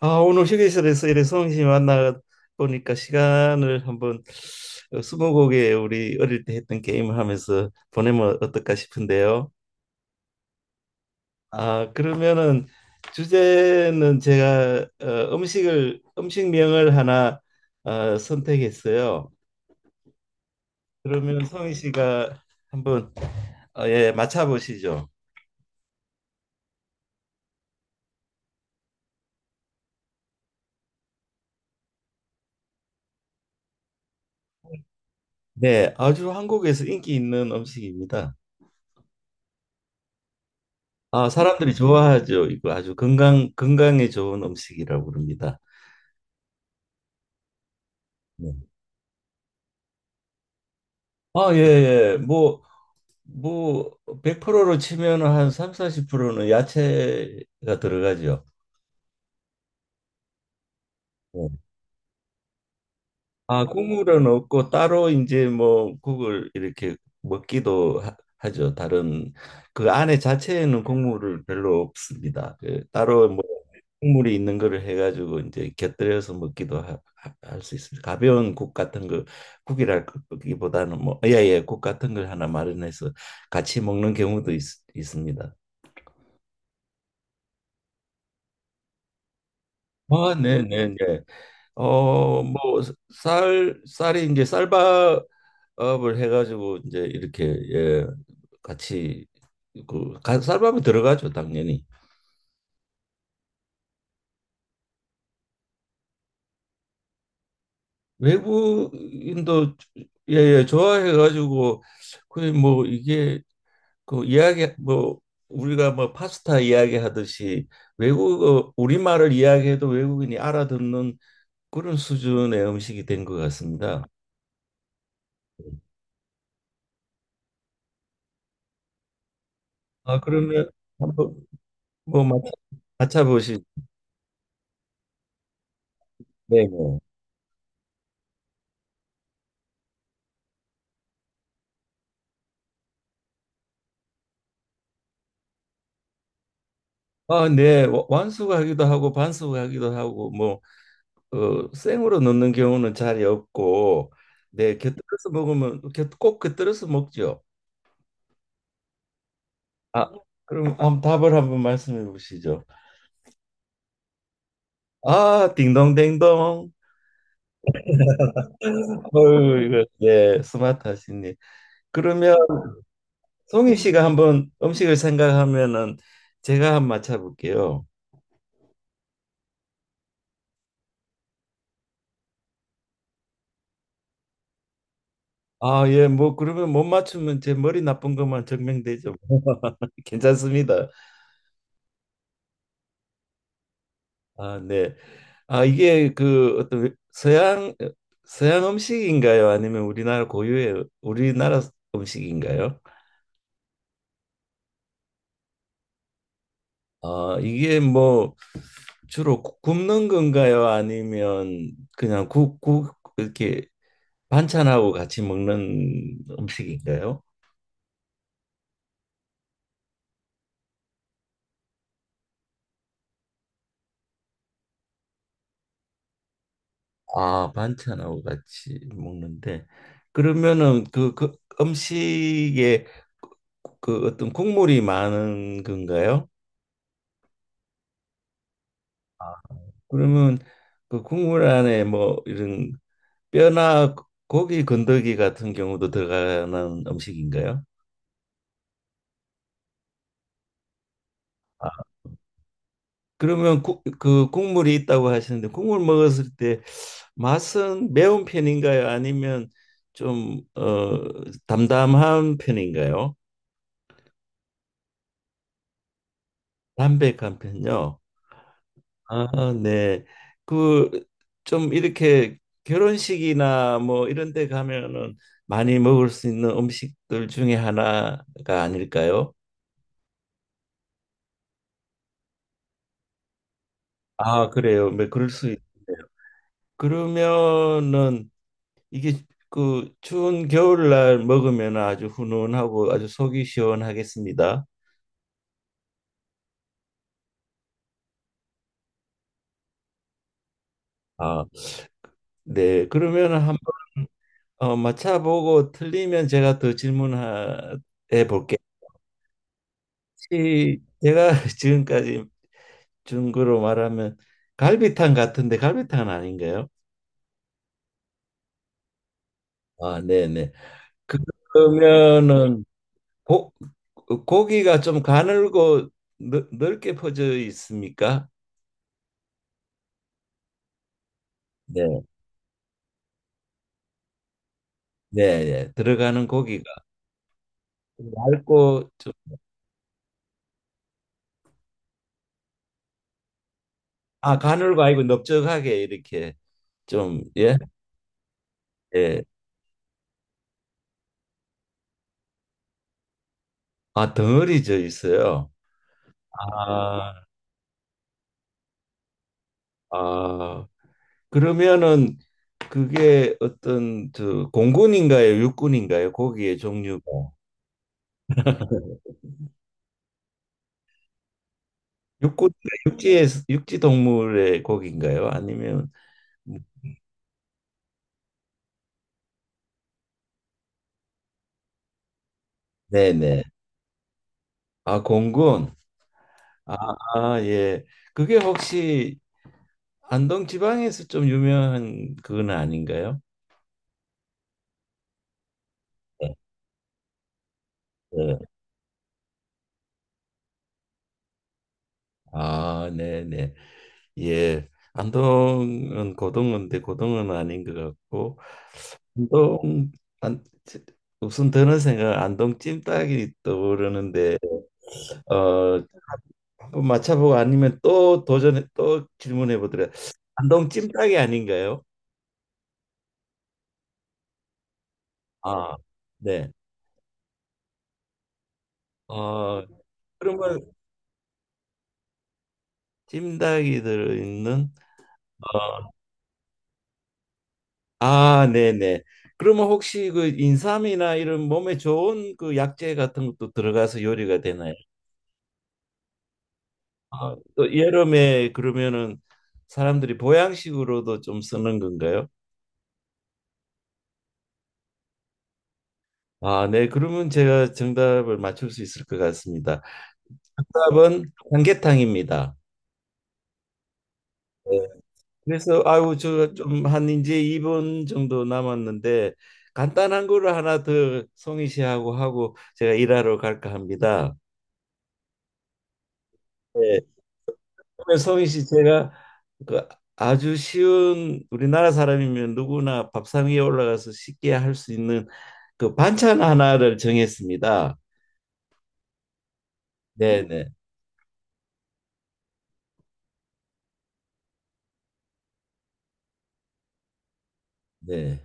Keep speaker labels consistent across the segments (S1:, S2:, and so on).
S1: 아, 오늘 휴게실에서 이래 성희 씨 만나 보니까 시간을 한번 스무고개 우리 어릴 때 했던 게임을 하면서 보내면 어떨까 싶은데요. 아, 그러면은 주제는 제가 음식을 음식명을 하나 선택했어요. 그러면 성희 씨가 한번 어, 예, 맞춰 보시죠. 네, 아주 한국에서 인기 있는 음식입니다. 아, 사람들이 좋아하죠. 이거 아주 건강에 좋은 음식이라고 그럽니다. 네. 아, 예, 예. 뭐, 뭐, 100%로 치면 한 3, 40%는 야채가 들어가죠. 네. 아, 국물은 없고 따로 이제 뭐 국을 이렇게 먹기도 하죠. 다른 그 안에 자체에는 국물을 별로 없습니다. 그 따로 뭐 국물이 있는 거를 해가지고 이제 곁들여서 먹기도 할 수 있습니다. 가벼운 국 같은 거 국이라기보다는 뭐 예예 국 같은 걸 하나 마련해서 같이 먹는 경우도 있습니다. 아, 네, 네, 네. 어, 뭐 쌀이 이제 쌀밥을 해가지고 이제 이렇게 예, 같이 쌀밥이 들어가죠, 당연히. 외국인도 예, 예, 좋아해가지고 그 뭐 이게 그 이야기 뭐 우리가 뭐 파스타 이야기하듯이 외국어 우리말을 이야기해도 외국인이 알아듣는 그런 수준의 음식이 된 것 같습니다. 아, 그러면 한번 뭐 맞춰 보시죠. 네네. 아, 네. 완숙하기도 하고 반숙하기도 하고 뭐 생으로 넣는 경우는 잘 없고 네, 곁들여서 먹으면 꼭 곁들여서 먹죠. 아, 그럼 한번 답을 한번 말씀해 보시죠. 아, 딩동댕동. 어유 이거 예, 스마트하시니. 그러면 송희 씨가 한번 음식을 생각하면은 제가 한번 맞춰볼게요. 아, 예, 뭐 그러면 못 맞추면 제 머리 나쁜 것만 증명되죠. 괜찮습니다. 아, 네. 아, 이게 그 어떤 서양 음식인가요? 아니면 우리나라 고유의 우리나라 음식인가요? 아, 이게 뭐 주로 굽는 건가요? 아니면 그냥 국 이렇게 반찬하고 같이 먹는 음식인가요? 아, 반찬하고 같이 먹는데 그러면은 그 음식에 그 그 어떤 국물이 많은 건가요? 그러면 그 국물 안에 뭐 이런 뼈나 고기 건더기 같은 경우도 들어가는 음식인가요? 아, 그러면 국, 그 국물이 있다고 하시는데 국물 먹었을 때 맛은 매운 편인가요? 아니면 좀 담담한 편인가요? 담백한 편요? 아, 네. 그 좀 이렇게 결혼식이나 뭐 이런 데 가면은 많이 먹을 수 있는 음식들 중에 하나가 아닐까요? 아, 그래요. 뭐 그럴 수 있네요. 그러면은 이게 그 추운 겨울날 먹으면 아주 훈훈하고 아주 속이 시원하겠습니다. 아, 네. 그러면은 한번 맞춰보고 틀리면 제가 더 질문해 볼게요. 혹시 제가 지금까지 중국으로 말하면 갈비탕 같은데 갈비탕은 아닌가요? 아, 네네. 그러면은 고, 고기가 좀 가늘고 넓게 퍼져 있습니까? 네, 네, 네. 들어가는 고기가 얇고 좀, 아, 가늘고 아니고 넓적하게 이렇게 좀, 예, 예. 아, 덩어리져 있어요. 아, 아, 그러면은 그게 어떤 저 공군인가요? 육군인가요? 고기의 종류가. 육고 육지에 육지 동물의 고기인가요? 아니면 네네. 아 공군. 아, 아, 예. 그게 혹시 안동 지방에서 좀 유명한 그건 아닌가요? 네. 네. 아 네네. 예. 안동은 고등어인데 고등어는 아닌 것 같고 안동 안 무슨 드는 생각 안동 찜닭이 떠오르는데 어 한번 맞춰보고 아니면 또 도전해 또 질문해 보더라. 안동 찜닭이 아닌가요? 아, 네. 어, 그러면 찜닭이 들어있는 어, 아, 네네. 그러면 혹시 그 인삼이나 이런 몸에 좋은 그 약재 같은 것도 들어가서 요리가 되나요? 아, 또 여름에 그러면은 사람들이 보양식으로도 좀 쓰는 건가요? 아, 네. 그러면 제가 정답을 맞출 수 있을 것 같습니다. 정답은 삼계탕입니다. 그래서 아유 저 좀 한 이제 2분 정도 남았는데 간단한 거를 하나 더 송희 씨하고 하고 제가 일하러 갈까 합니다. 네. 그러면 송희 씨 제가 그 아주 쉬운 우리나라 사람이면 누구나 밥상 위에 올라가서 쉽게 할 수 있는 그 반찬 하나를 정했습니다. 네, 네, 네.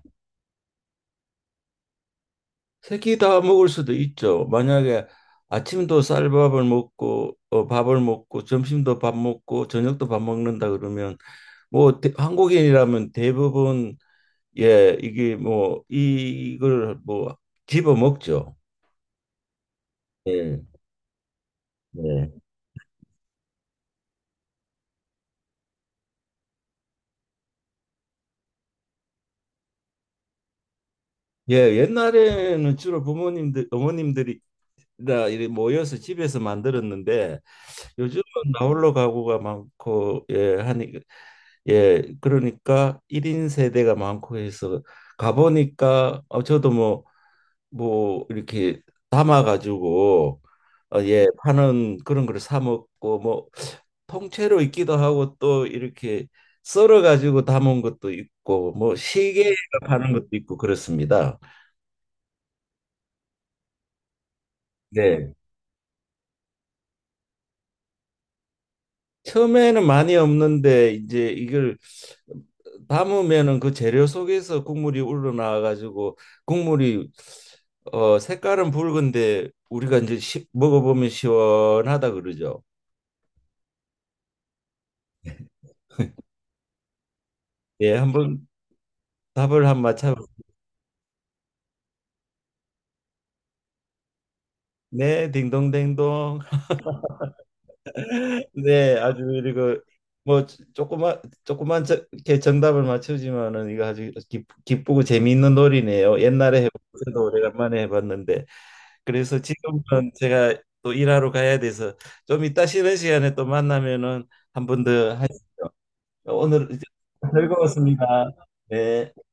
S1: 세끼 다 먹을 수도 있죠. 만약에 아침도 쌀밥을 먹고 밥을 먹고 점심도 밥 먹고 저녁도 밥 먹는다 그러면 뭐 한국인이라면 대부분 예 이게 뭐 이걸 뭐 집어 먹죠. 예. 예. 예, 옛날에는 주로 부모님들 어머님들이 다 이렇게 모여서 집에서 만들었는데 요즘은 나홀로 가구가 많고 예 하니 예, 그러니까 1인 세대가 많고 해서 가보니까 저도 뭐, 뭐 이렇게 담아가지고 어, 예, 파는 그런 걸 사 먹고 뭐 통째로 있기도 하고 또 이렇게 썰어가지고 담은 것도 있고 뭐 시계 파는 것도 있고 그렇습니다. 네. 처음에는 많이 없는데 이제 이걸 담으면은 그 재료 속에서 국물이 우러나와 가지고 국물이 어 색깔은 붉은데 우리가 이제 먹어보면 시원하다 그러죠. 예, 한번 답을 한 맞춰. 네, 딩동댕동. 네, 아주 그리고 뭐 조그만 저- 이렇게 정답을 맞추지만은 이거 아주 기쁘고 재미있는 놀이네요. 옛날에 해봤어도 오래간만에 해봤는데 그래서 지금은 제가 또 일하러 가야 돼서 좀 이따 쉬는 시간에 또 만나면은 한 번 더 하시죠. 오늘 이제 즐거웠습니다. 네.